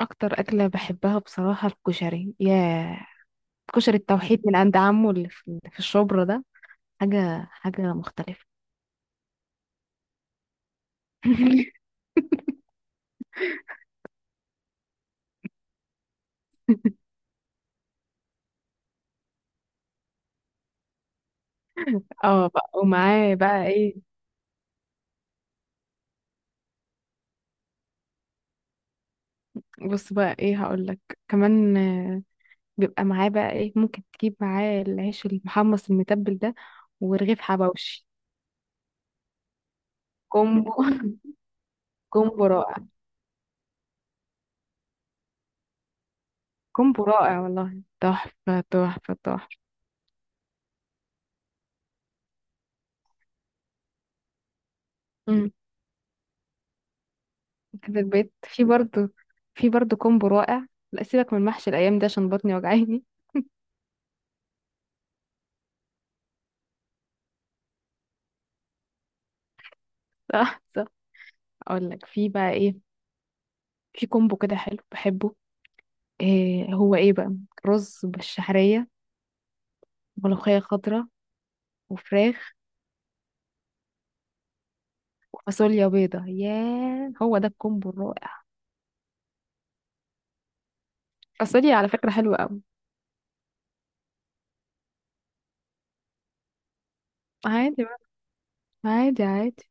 اكتر اكله بحبها بصراحه، الكشري. ياه، كشري التوحيد من عند عمو اللي في الشبرا ده. حاجه مختلفه. اه بقى، ومعاه بقى ايه؟ بص بقى ايه هقول لك كمان. بيبقى معاه بقى ايه؟ ممكن تجيب معاه العيش المحمص المتبل ده، ورغيف حبوشي. كومبو. كومبو رائع. كومبو رائع والله، تحفة تحفة تحفة. امم كده البيت، في برضو. في برضو كومبو رائع. لا، سيبك من محشي الايام ده عشان بطني وجعاني. صح صح. اقول لك في بقى ايه. في كومبو كده حلو بحبه. إيه هو ايه بقى؟ رز بالشعريه، ملوخيه خضراء، وفراخ، وفاصوليا بيضه. ياه، هو ده الكومبو الرائع. فاصوليا على فكره حلوه قوي. عادي بقى، عادي عادي.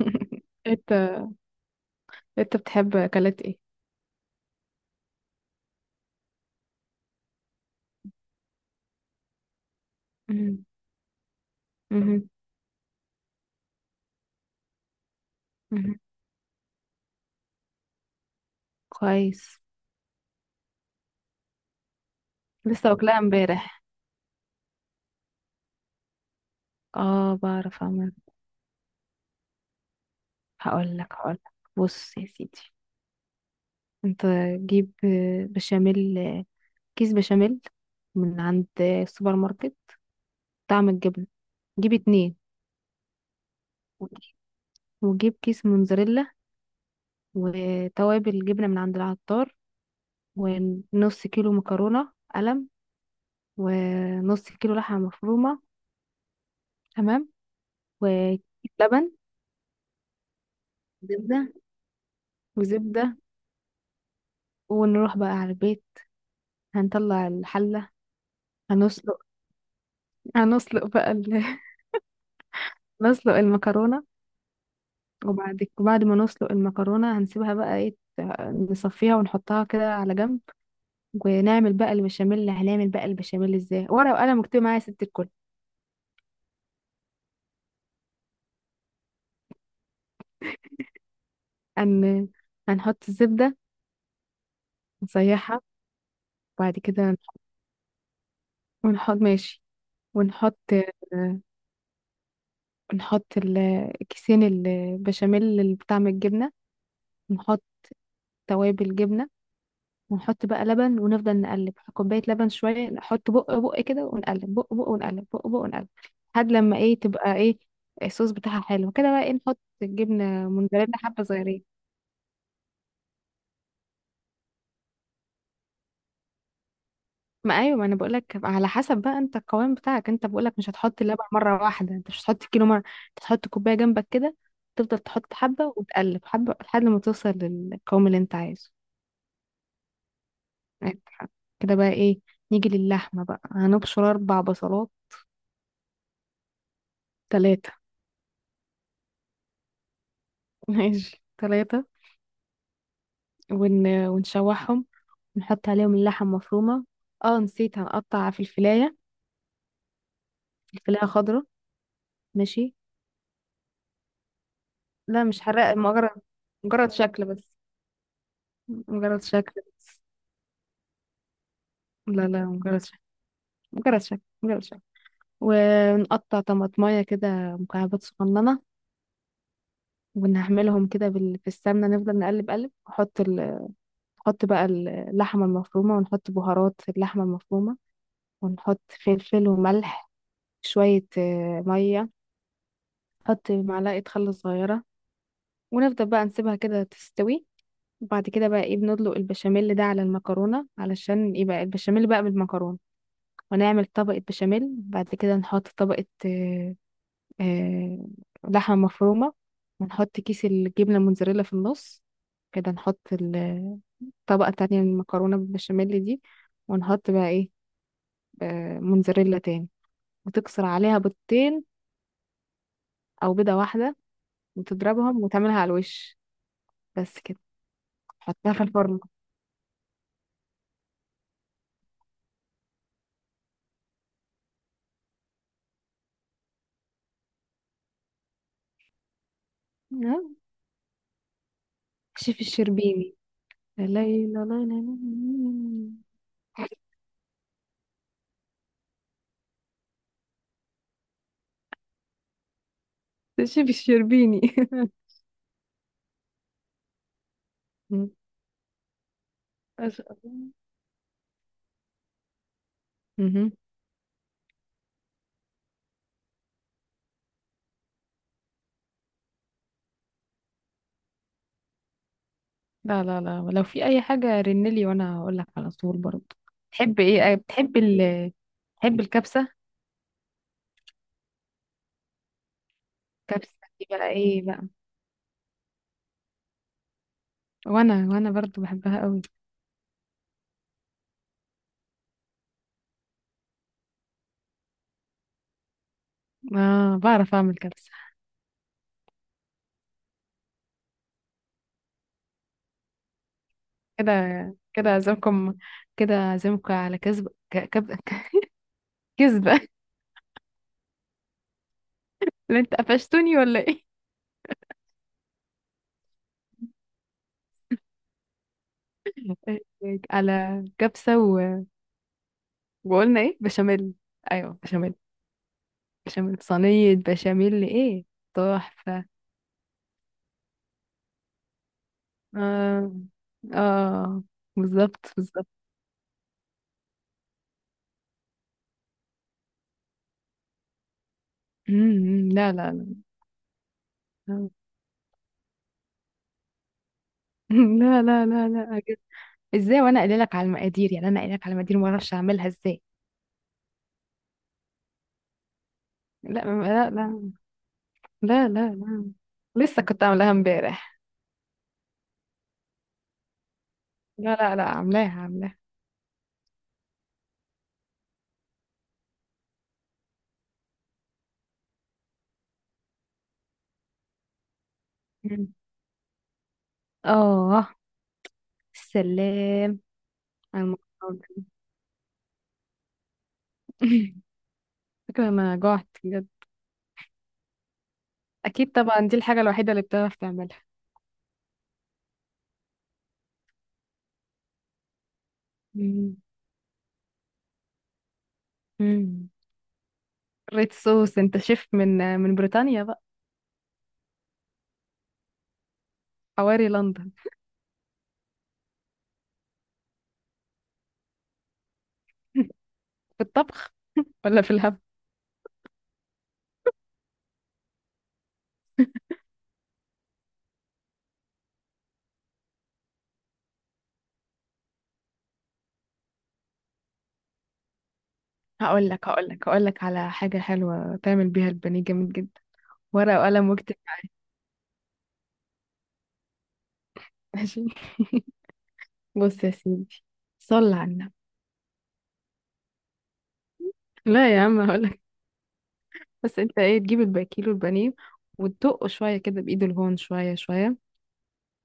انت انت بتحب اكلات ايه؟ مهم. مهم. مهم. كويس. لسه واكلاها امبارح. اه بعرف اعمل. هقول لك بص يا سيدي. انت جيب بشاميل، كيس بشاميل من عند السوبر ماركت، طعم الجبنة. جيب اتنين. وجيب كيس موزاريلا، وتوابل جبنة من عند العطار، ونص كيلو مكرونة قلم، ونص كيلو لحمة مفرومة. تمام. وكيس لبن. زبدة. وزبدة. ونروح بقى على البيت. هنطلع الحلة. هنسلق. هنسلق بقى ال... نسلق المكرونة. وبعد ما نسلق المكرونة هنسيبها بقى ايه، نصفيها ونحطها كده على جنب. ونعمل بقى البشاميل. هنعمل بقى البشاميل ازاي؟ ورقة وقلم مكتوب معايا، يا ست الكل. هن... هنحط الزبدة، نسيحها، وبعد كده نح- ونحط، ماشي، ونحط، آه، نحط كيسين البشاميل اللي بطعم الجبنة، ونحط توابل جبنة، ونحط بقى لبن، ونفضل نقلب كوباية لبن شوية. نحط بق بق كده ونقلب بق بق، ونقلب بق بق، ونقلب لحد لما ايه، تبقى ايه، الصوص بتاعها حلو كده، بقى ايه نحط الجبنة موزاريلا، حبة صغيرين. ما ايوه، ما انا بقول لك على حسب بقى. انت القوام بتاعك. انت بقول لك مش هتحط اللبن مره واحده. انت مش هتحط كيلو مره، انت هتحط كوبايه جنبك كده، تفضل تحط حبه وتقلب حبه لحد ما توصل للقوام اللي انت عايزه. عندك حق. كده بقى ايه، نيجي للحمه بقى. هنبشر اربع بصلات. ثلاثه. ماشي، ثلاثه. ونشوحهم، نحط عليهم اللحم مفرومه. اه نسيت، هنقطع في الفلايه، الفلايه خضراء، ماشي. لا، مش حراق، مجرد شكل بس، مجرد شكل. لا لا، مجرد شك، مجرد شك، مجرد شك. ونقطع طماطمايه كده مكعبات صغننه، ونعملهم كده في السمنه، نفضل نقلب، قلب، نحط نحط بقى اللحمه المفرومه، ونحط بهارات في اللحمه المفرومه، ونحط فلفل وملح شويه، ميه، نحط معلقه خل صغيره، ونفضل بقى نسيبها كده تستوي. وبعد كده بقى ايه، بندلق البشاميل ده على المكرونه علشان يبقى البشاميل بقى بالمكرونه. ونعمل طبقه بشاميل. بعد كده نحط طبقه، آه، لحمة مفرومة. ونحط كيس الجبنة الموتزاريلا في النص. كده نحط طبقة تانية من المكرونة بالبشاميل دي، ونحط بقى ايه، موتزاريلا تاني. وتكسر عليها بيضتين، أو بيضة واحدة، وتضربهم وتعملها على الوش. بس كده. حطها في الفرن. آه، شيف الشربيني. لا لا لا. لا لا لا. ده شيف الشربيني. مم. ما شاء الله. لا لا لا، لو في اي حاجه رنلي وانا هقول لك على طول برضه. تحب ايه، بتحب بتحب الكبسه؟ كبسه دي بقى ايه بقى. وانا برضه بحبها قوي. اه، بعرف اعمل كبسه. كده. كده اعزمكم كده اعزمكم على كذب، كذبه. اللي انت قفشتوني ولا ايه؟ على كبسه وقلنا ايه، بشاميل. ايوه، بشاميل. بشاميل صينيه، بشاميل ايه، تحفه. اه اه، بالظبط بالظبط. لا لا لا. لا لا لا لا، أجل. ازاي وانا قايله لك على المقادير، يعني انا قايله لك على المقادير، ما اعرفش اعملها ازاي. لا لا لا. لا لا لا. لسه كنت عاملاها امبارح. لا لا لا، عاملاها عاملاها. مم. اه، سلام على المقادير. فكرة، انا جوعت بجد. اكيد طبعا، دي الحاجه الوحيده اللي بتعرف تعملها. مم. مم. ريد صوص؟ انت شيف من بريطانيا بقى؟ حواري لندن. في الطبخ ولا في الهبل؟ هقول لك على حاجة حلوة تعمل بيها البانيه جامد جدا. ورقة وقلم واكتب معايا. ماشي، بص يا سيدي، صل على النبي. لا يا عم هقول لك. بس انت ايه، تجيب الباكيلو البانيه وتدقه شوية كده بإيد الهون، شوية شوية.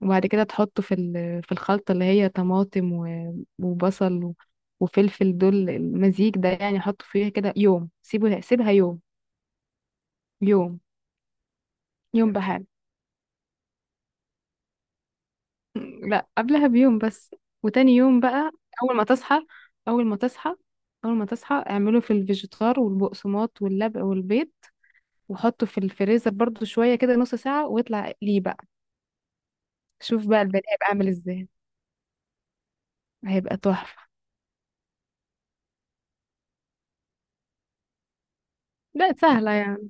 وبعد كده تحطه في في الخلطة اللي هي طماطم، وبصل، وفلفل، دول المزيج ده يعني. حطه فيها كده يوم. سيبها يوم. يوم. يوم بحال. لا، قبلها بيوم بس. وتاني يوم بقى، اول ما تصحى، اول ما تصحى، اول ما تصحى، اعمله في الفيجيتار والبقسماط واللبق والبيض. وحطه في الفريزر برضو شوية كده، نص ساعة، ويطلع ليه بقى. شوف بقى البني هيبقى عامل ازاي. هيبقى تحفة. لا، سهلة يعني.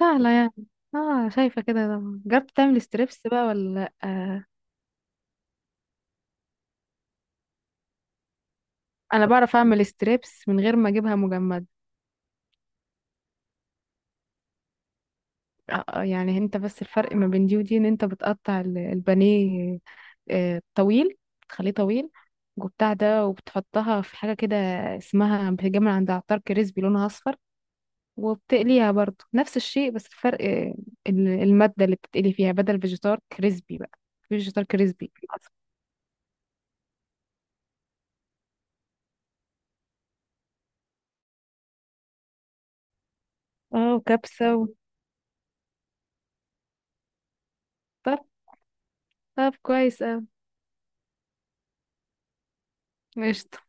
سهلة يعني. اه، شايفة كده طبعا. جربت تعمل ستريبس بقى ولا لأ؟ آه. انا بعرف اعمل ستريبس من غير ما اجيبها مجمدة. اه، يعني انت بس الفرق ما بين دي ودي، ان انت بتقطع البانيه، طويل، تخليه طويل. وبتاع ده، وبتحطها في حاجة كده اسمها، بتتجمع عند عطار، كريسبي، لونها اصفر. وبتقليها برضو نفس الشيء. بس الفرق المادة اللي بتتقلي فيها، بدل فيجيتار كريسبي بقى، فيجيتار كريسبي اصفر. اه، وكبسة طب طب كويس، اه، قشطة.